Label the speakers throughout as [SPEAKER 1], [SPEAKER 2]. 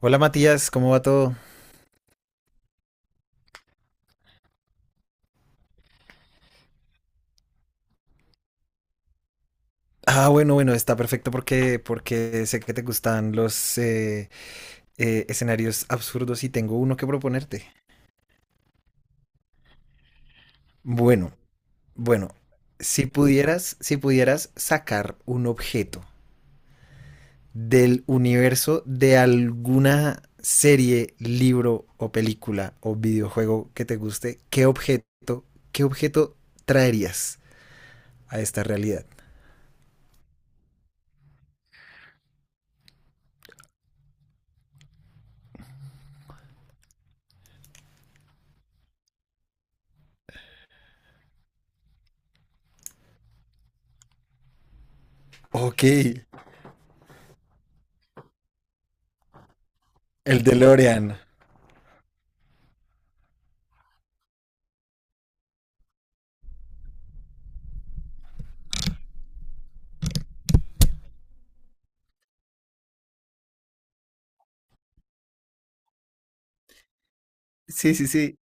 [SPEAKER 1] Hola Matías, ¿cómo va todo? Ah, bueno, bueno, está perfecto porque sé que te gustan los escenarios absurdos y tengo uno que proponerte. Bueno, bueno, si pudieras sacar un objeto del universo de alguna serie, libro o película o videojuego que te guste, qué objeto traerías a esta realidad? Ok, el DeLorean. Sí, sí, sí.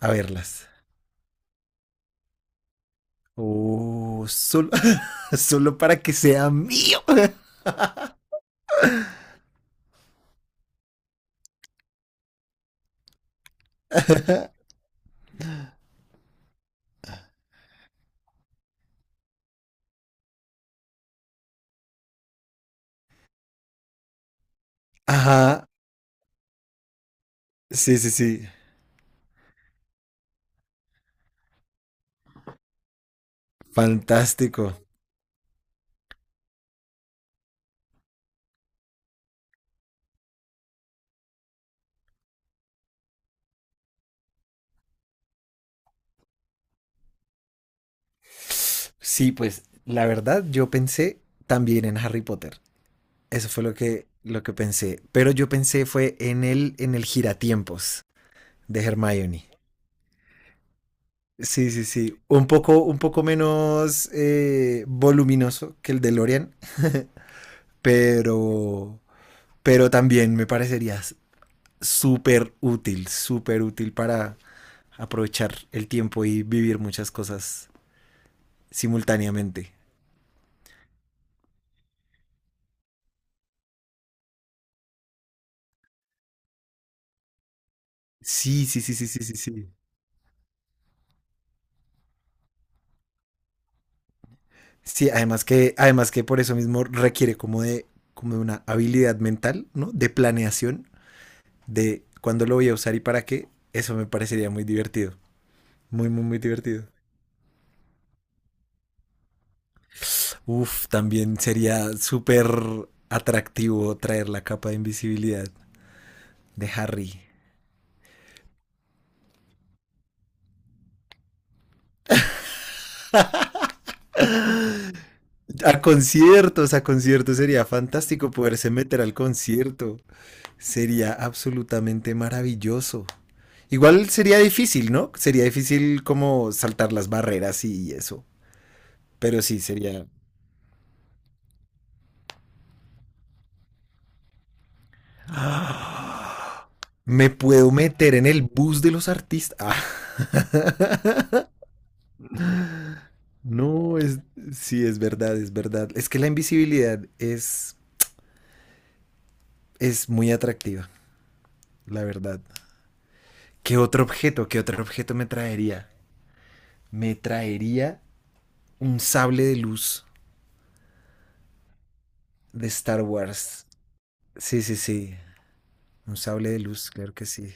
[SPEAKER 1] A verlas. Oh, solo, solo para que sea mío. Ajá, sí, sí, sí, fantástico. Sí, pues la verdad yo pensé también en Harry Potter. Eso fue lo que pensé. Pero yo pensé fue en el giratiempos de Hermione. Sí, sí, sí. Un poco menos voluminoso que el de Lorian, pero, pero también me parecería súper útil para aprovechar el tiempo y vivir muchas cosas simultáneamente. Sí, sí, sí, sí, sí, sí, sí. Sí, además que por eso mismo requiere como de una habilidad mental, ¿no? De planeación, de cuándo lo voy a usar y para qué. Eso me parecería muy divertido. Muy, muy, muy divertido. Uf, también sería súper atractivo traer la capa de invisibilidad de Harry. A conciertos sería fantástico poderse meter al concierto. Sería absolutamente maravilloso. Igual sería difícil, ¿no? Sería difícil como saltar las barreras y eso. Pero sí, sería... ¡Ah! Me puedo meter en el bus de los artistas. Ah. No, es... Sí, es verdad, es verdad. Es que la invisibilidad es muy atractiva, la verdad. Qué otro objeto me traería? Me traería un sable de luz de Star Wars. Sí, sí, sí. Un sable de luz, claro que sí.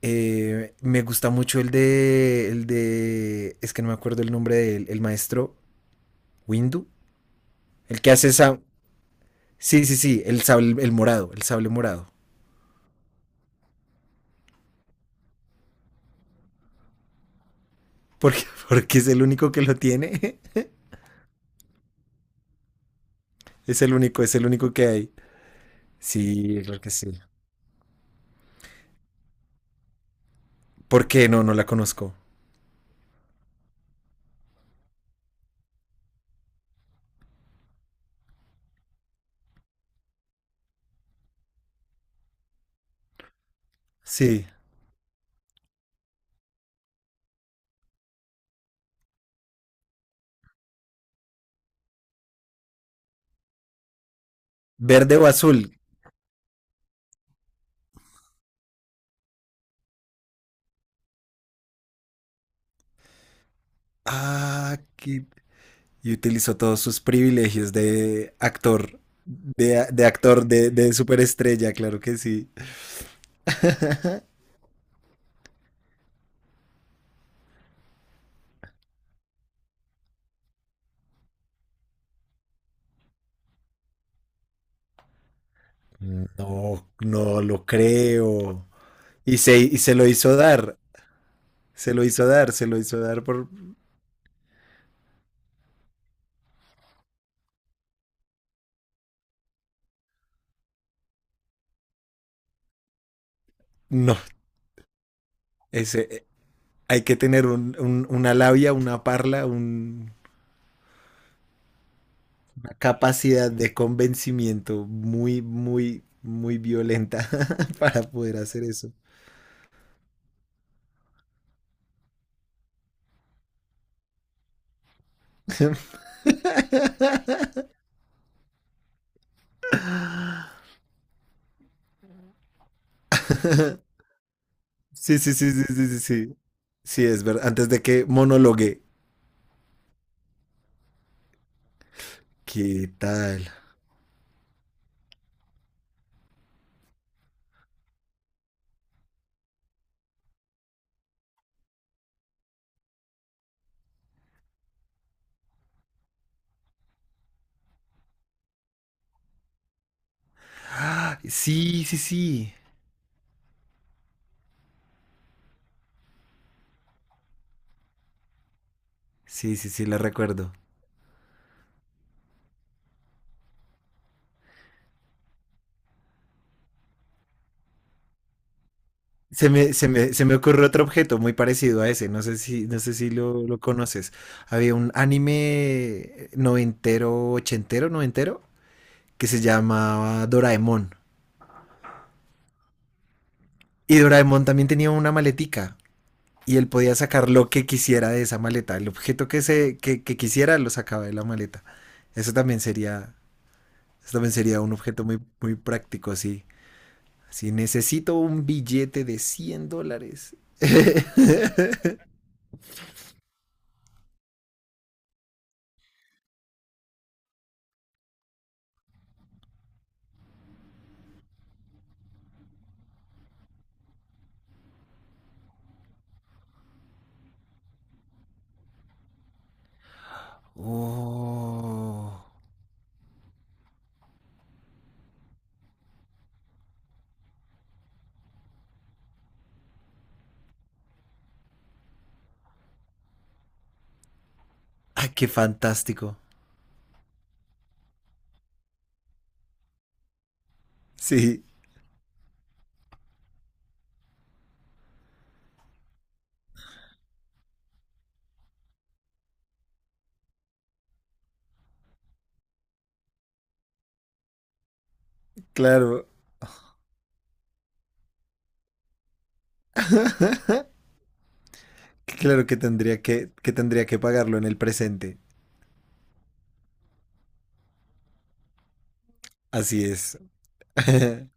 [SPEAKER 1] Me gusta mucho es que no me acuerdo el nombre del el maestro Windu, el que hace esa, sí, sí, sí, el sable, el morado, el sable morado, porque, porque es el único que lo tiene, es el único que hay. Sí, claro que sí. ¿Porque no? No la conozco. Sí. Verde o azul. Ah, qué. Y utilizó todos sus privilegios de actor, de actor, de superestrella, claro que sí. No, no lo creo. Y se lo hizo dar, se lo hizo dar, se lo hizo dar por... No, ese, hay que tener una labia, una parla, una capacidad de convencimiento muy, muy, muy violenta para poder hacer eso. Sí, sí, sí, sí, sí, sí, sí. Sí, es verdad. Antes de que monologue. ¿Qué tal? ¡Ah! Sí, sí, sí. Sí, sí, sí, la recuerdo. Se me ocurre otro objeto muy parecido a ese. No sé si, no sé si lo conoces. Había un anime noventero, ochentero, noventero, que se llamaba Doraemon. Y Doraemon también tenía una maletica. Y él podía sacar lo que quisiera de esa maleta. El objeto que quisiera lo sacaba de la maleta. Eso también sería, eso también sería un objeto muy, muy práctico, sí. Si necesito un billete de 100 dólares. Oh, ah, qué fantástico. Sí, claro, claro que tendría que tendría que pagarlo en el presente. Así es.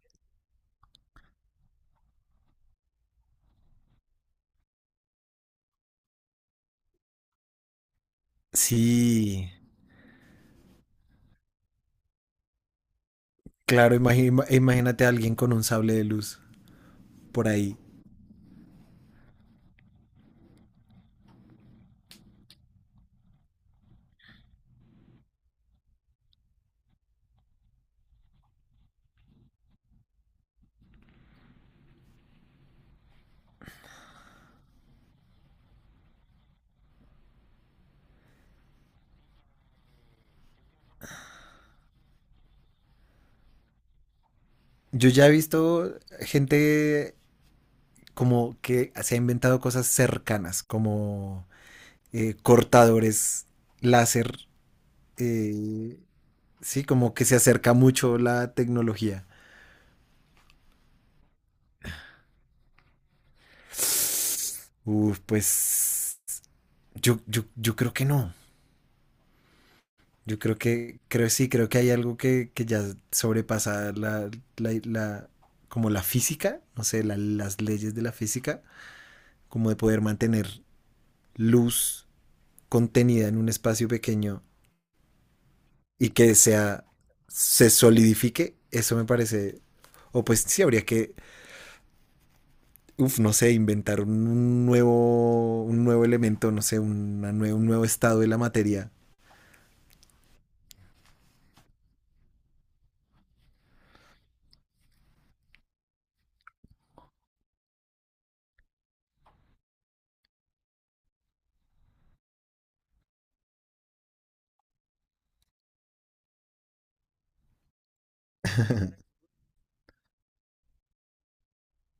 [SPEAKER 1] Sí, claro, imagínate a alguien con un sable de luz por ahí. Yo ya he visto gente como que se ha inventado cosas cercanas, como cortadores láser, eh, sí, como que se acerca mucho la tecnología. Uf, pues yo creo que no. Yo creo que, creo sí, creo que hay algo que ya sobrepasa la, la- como la física, no sé, las leyes de la física, como de poder mantener luz contenida en un espacio pequeño y que sea, se solidifique, eso me parece, o pues sí, habría que uf, no sé, inventar un nuevo elemento, no sé, un nuevo estado de la materia.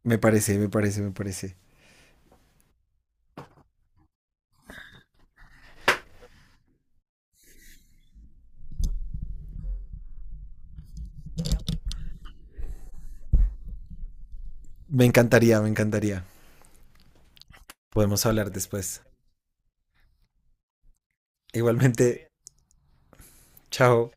[SPEAKER 1] Me parece, me parece, me parece. Me encantaría, me encantaría. Podemos hablar después. Igualmente, chao.